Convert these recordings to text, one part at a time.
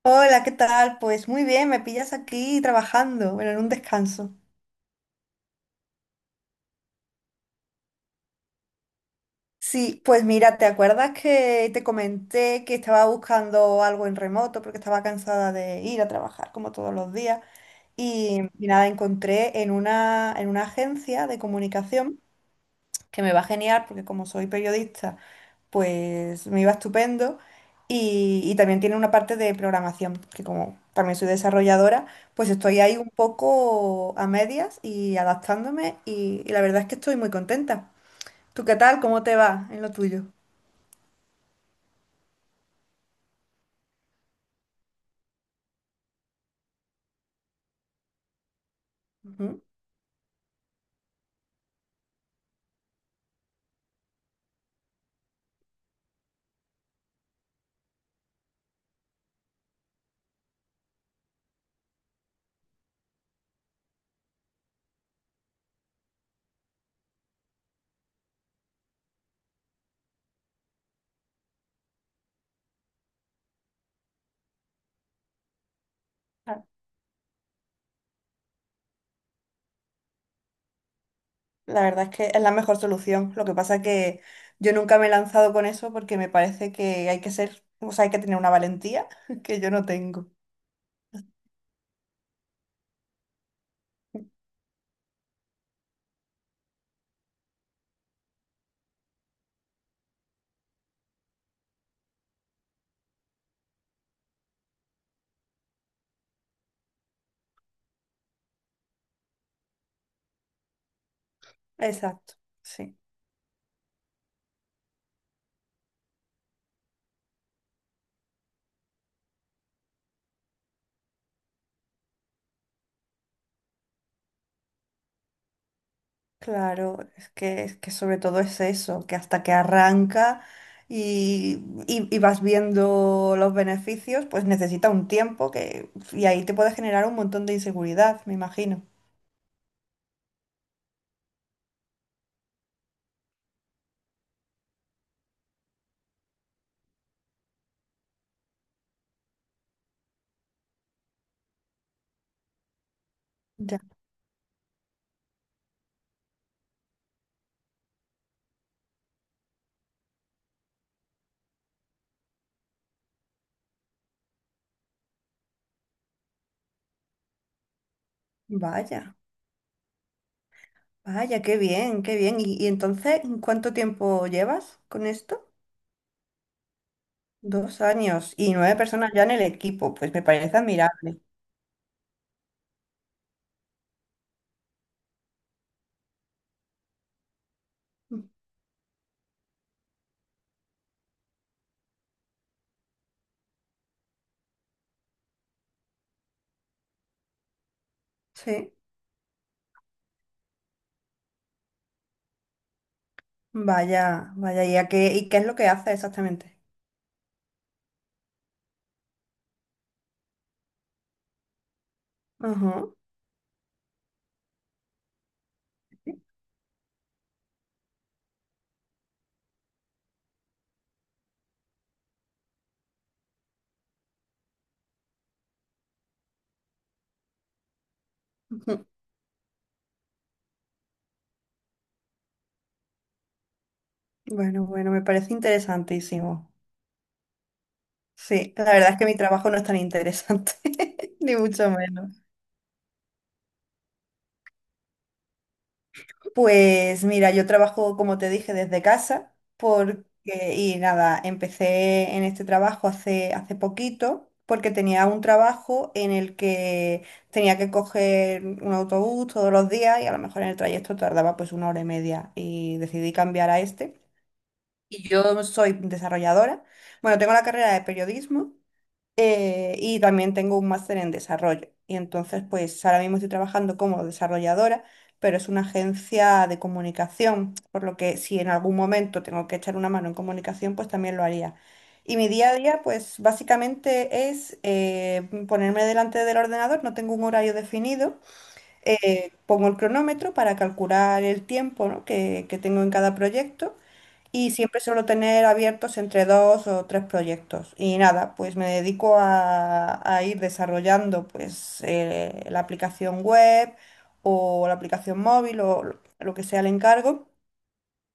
Hola, ¿qué tal? Pues muy bien, me pillas aquí trabajando, bueno, en un descanso. Sí, pues mira, ¿te acuerdas que te comenté que estaba buscando algo en remoto porque estaba cansada de ir a trabajar como todos los días? Y nada, encontré en una agencia de comunicación que me va genial porque como soy periodista, pues me iba estupendo. Y también tiene una parte de programación, que como también soy desarrolladora, pues estoy ahí un poco a medias y adaptándome y la verdad es que estoy muy contenta. ¿Tú qué tal? ¿Cómo te va en lo tuyo? Ujú. La verdad es que es la mejor solución. Lo que pasa que yo nunca me he lanzado con eso porque me parece que hay que ser, o sea, hay que tener una valentía que yo no tengo. Exacto, sí. Claro, es que sobre todo es eso, que hasta que arranca y vas viendo los beneficios, pues necesita un tiempo que, y ahí te puede generar un montón de inseguridad, me imagino. Ya. Vaya, vaya, qué bien, qué bien. ¿Y entonces cuánto tiempo llevas con esto? 2 años y nueve personas ya en el equipo, pues me parece admirable. Sí, vaya, vaya, ¿y qué es lo que hace exactamente? Ajá. Bueno, bueno, me parece interesantísimo. Sí, la verdad es que mi trabajo no es tan interesante, ni mucho menos. Pues mira, yo trabajo, como te dije, desde casa, y nada, empecé en este trabajo hace poquito, porque tenía un trabajo en el que tenía que coger un autobús todos los días y a lo mejor en el trayecto tardaba pues una hora y media y decidí cambiar a este. Y yo soy desarrolladora. Bueno, tengo la carrera de periodismo. Y también tengo un máster en desarrollo. Y entonces, pues ahora mismo estoy trabajando como desarrolladora, pero es una agencia de comunicación, por lo que si en algún momento tengo que echar una mano en comunicación, pues también lo haría. Y mi día a día, pues básicamente es ponerme delante del ordenador, no tengo un horario definido, pongo el cronómetro para calcular el tiempo, ¿no? que tengo en cada proyecto y siempre suelo tener abiertos entre dos o tres proyectos. Y nada, pues me dedico a ir desarrollando pues la aplicación web o la aplicación móvil o lo que sea el encargo.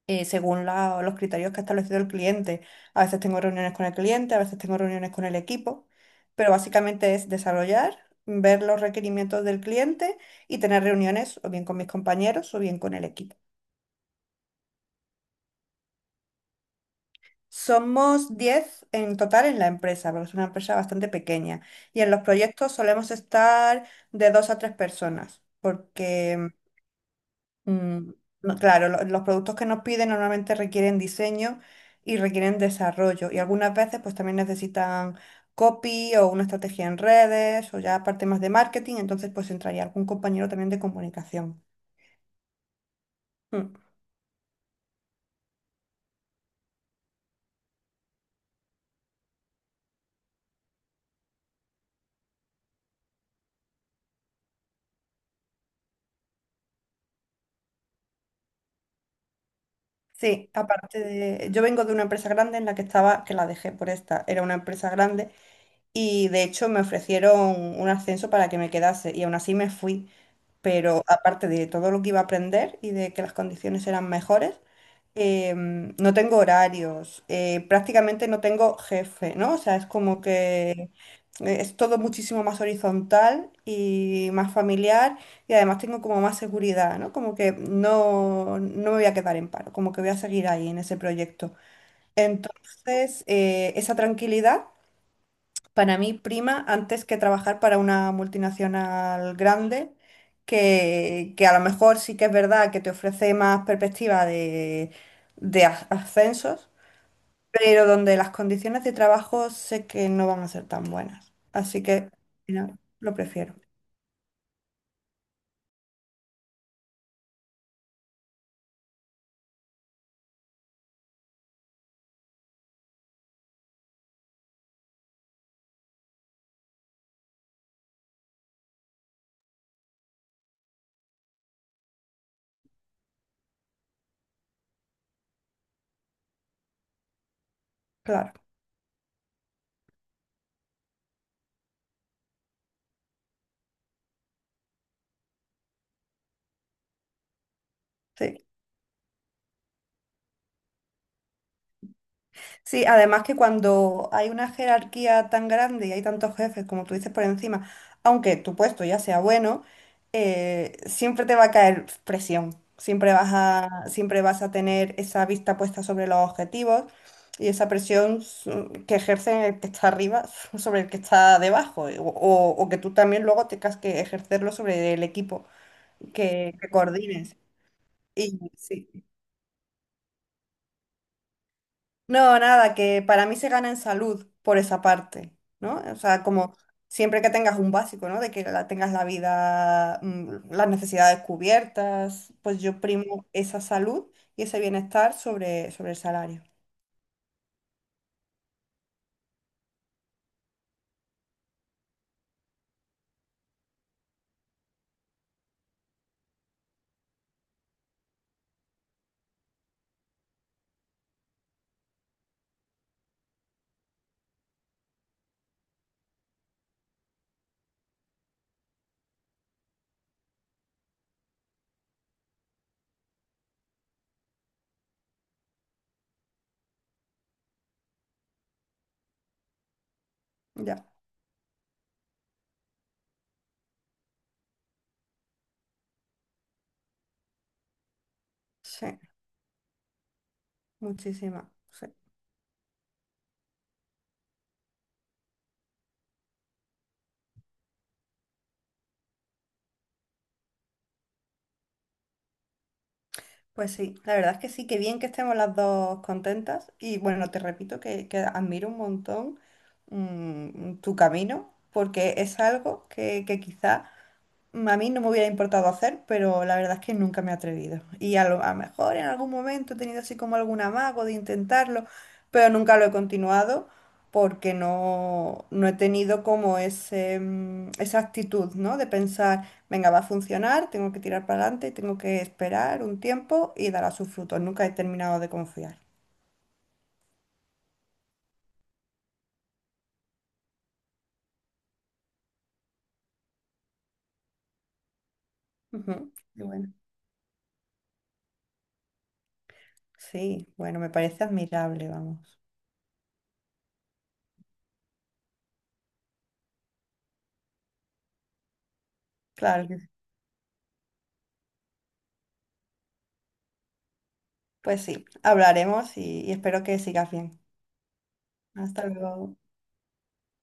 Según los criterios que ha establecido el cliente. A veces tengo reuniones con el cliente, a veces tengo reuniones con el equipo, pero básicamente es desarrollar, ver los requerimientos del cliente y tener reuniones o bien con mis compañeros o bien con el equipo. Somos 10 en total en la empresa, porque es una empresa bastante pequeña. Y en los proyectos solemos estar de dos a tres personas, porque, mm, claro, los productos que nos piden normalmente requieren diseño y requieren desarrollo. Y algunas veces pues también necesitan copy o una estrategia en redes o ya parte más de marketing, entonces pues entraría algún compañero también de comunicación. Mm. Sí, yo vengo de una empresa grande en la que estaba, que la dejé por esta, era una empresa grande. Y de hecho me ofrecieron un ascenso para que me quedase y aún así me fui. Pero aparte de todo lo que iba a aprender y de que las condiciones eran mejores, no tengo horarios, prácticamente no tengo jefe, ¿no? O sea, es como que es todo muchísimo más horizontal y más familiar y además tengo como más seguridad, ¿no? Como que no, no me voy a quedar en paro, como que voy a seguir ahí en ese proyecto. Entonces, esa tranquilidad para mí prima antes que trabajar para una multinacional grande, que a lo mejor sí que es verdad que te ofrece más perspectiva de, de ascensos, pero donde las condiciones de trabajo sé que no van a ser tan buenas. Así que, no, lo prefiero, claro. Sí. Sí, además que cuando hay una jerarquía tan grande y hay tantos jefes, como tú dices por encima, aunque tu puesto ya sea bueno, siempre te va a caer presión. Siempre vas a tener esa vista puesta sobre los objetivos y esa presión que ejerce el que está arriba sobre el que está debajo, o que tú también luego tengas que ejercerlo sobre el equipo que coordines. Y sí. No, nada, que para mí se gana en salud por esa parte, ¿no? O sea, como siempre que tengas un básico, ¿no? De que tengas la vida, las necesidades cubiertas, pues yo primo esa salud y ese bienestar sobre el salario. Ya, sí, muchísima. Sí. Pues sí, la verdad es que sí, que bien que estemos las dos contentas y bueno, te repito que admiro un montón tu camino porque es algo que quizá a mí no me hubiera importado hacer, pero la verdad es que nunca me he atrevido. Y a lo mejor en algún momento he tenido así como algún amago de intentarlo, pero nunca lo he continuado porque no, no he tenido como esa actitud, ¿no? De pensar, venga, va a funcionar, tengo que tirar para adelante, tengo que esperar un tiempo y dará sus frutos. Nunca he terminado de confiar. Ujú. Qué bueno. Sí, bueno, me parece admirable, vamos. Claro que sí. Pues sí, hablaremos y espero que sigas bien. Hasta luego.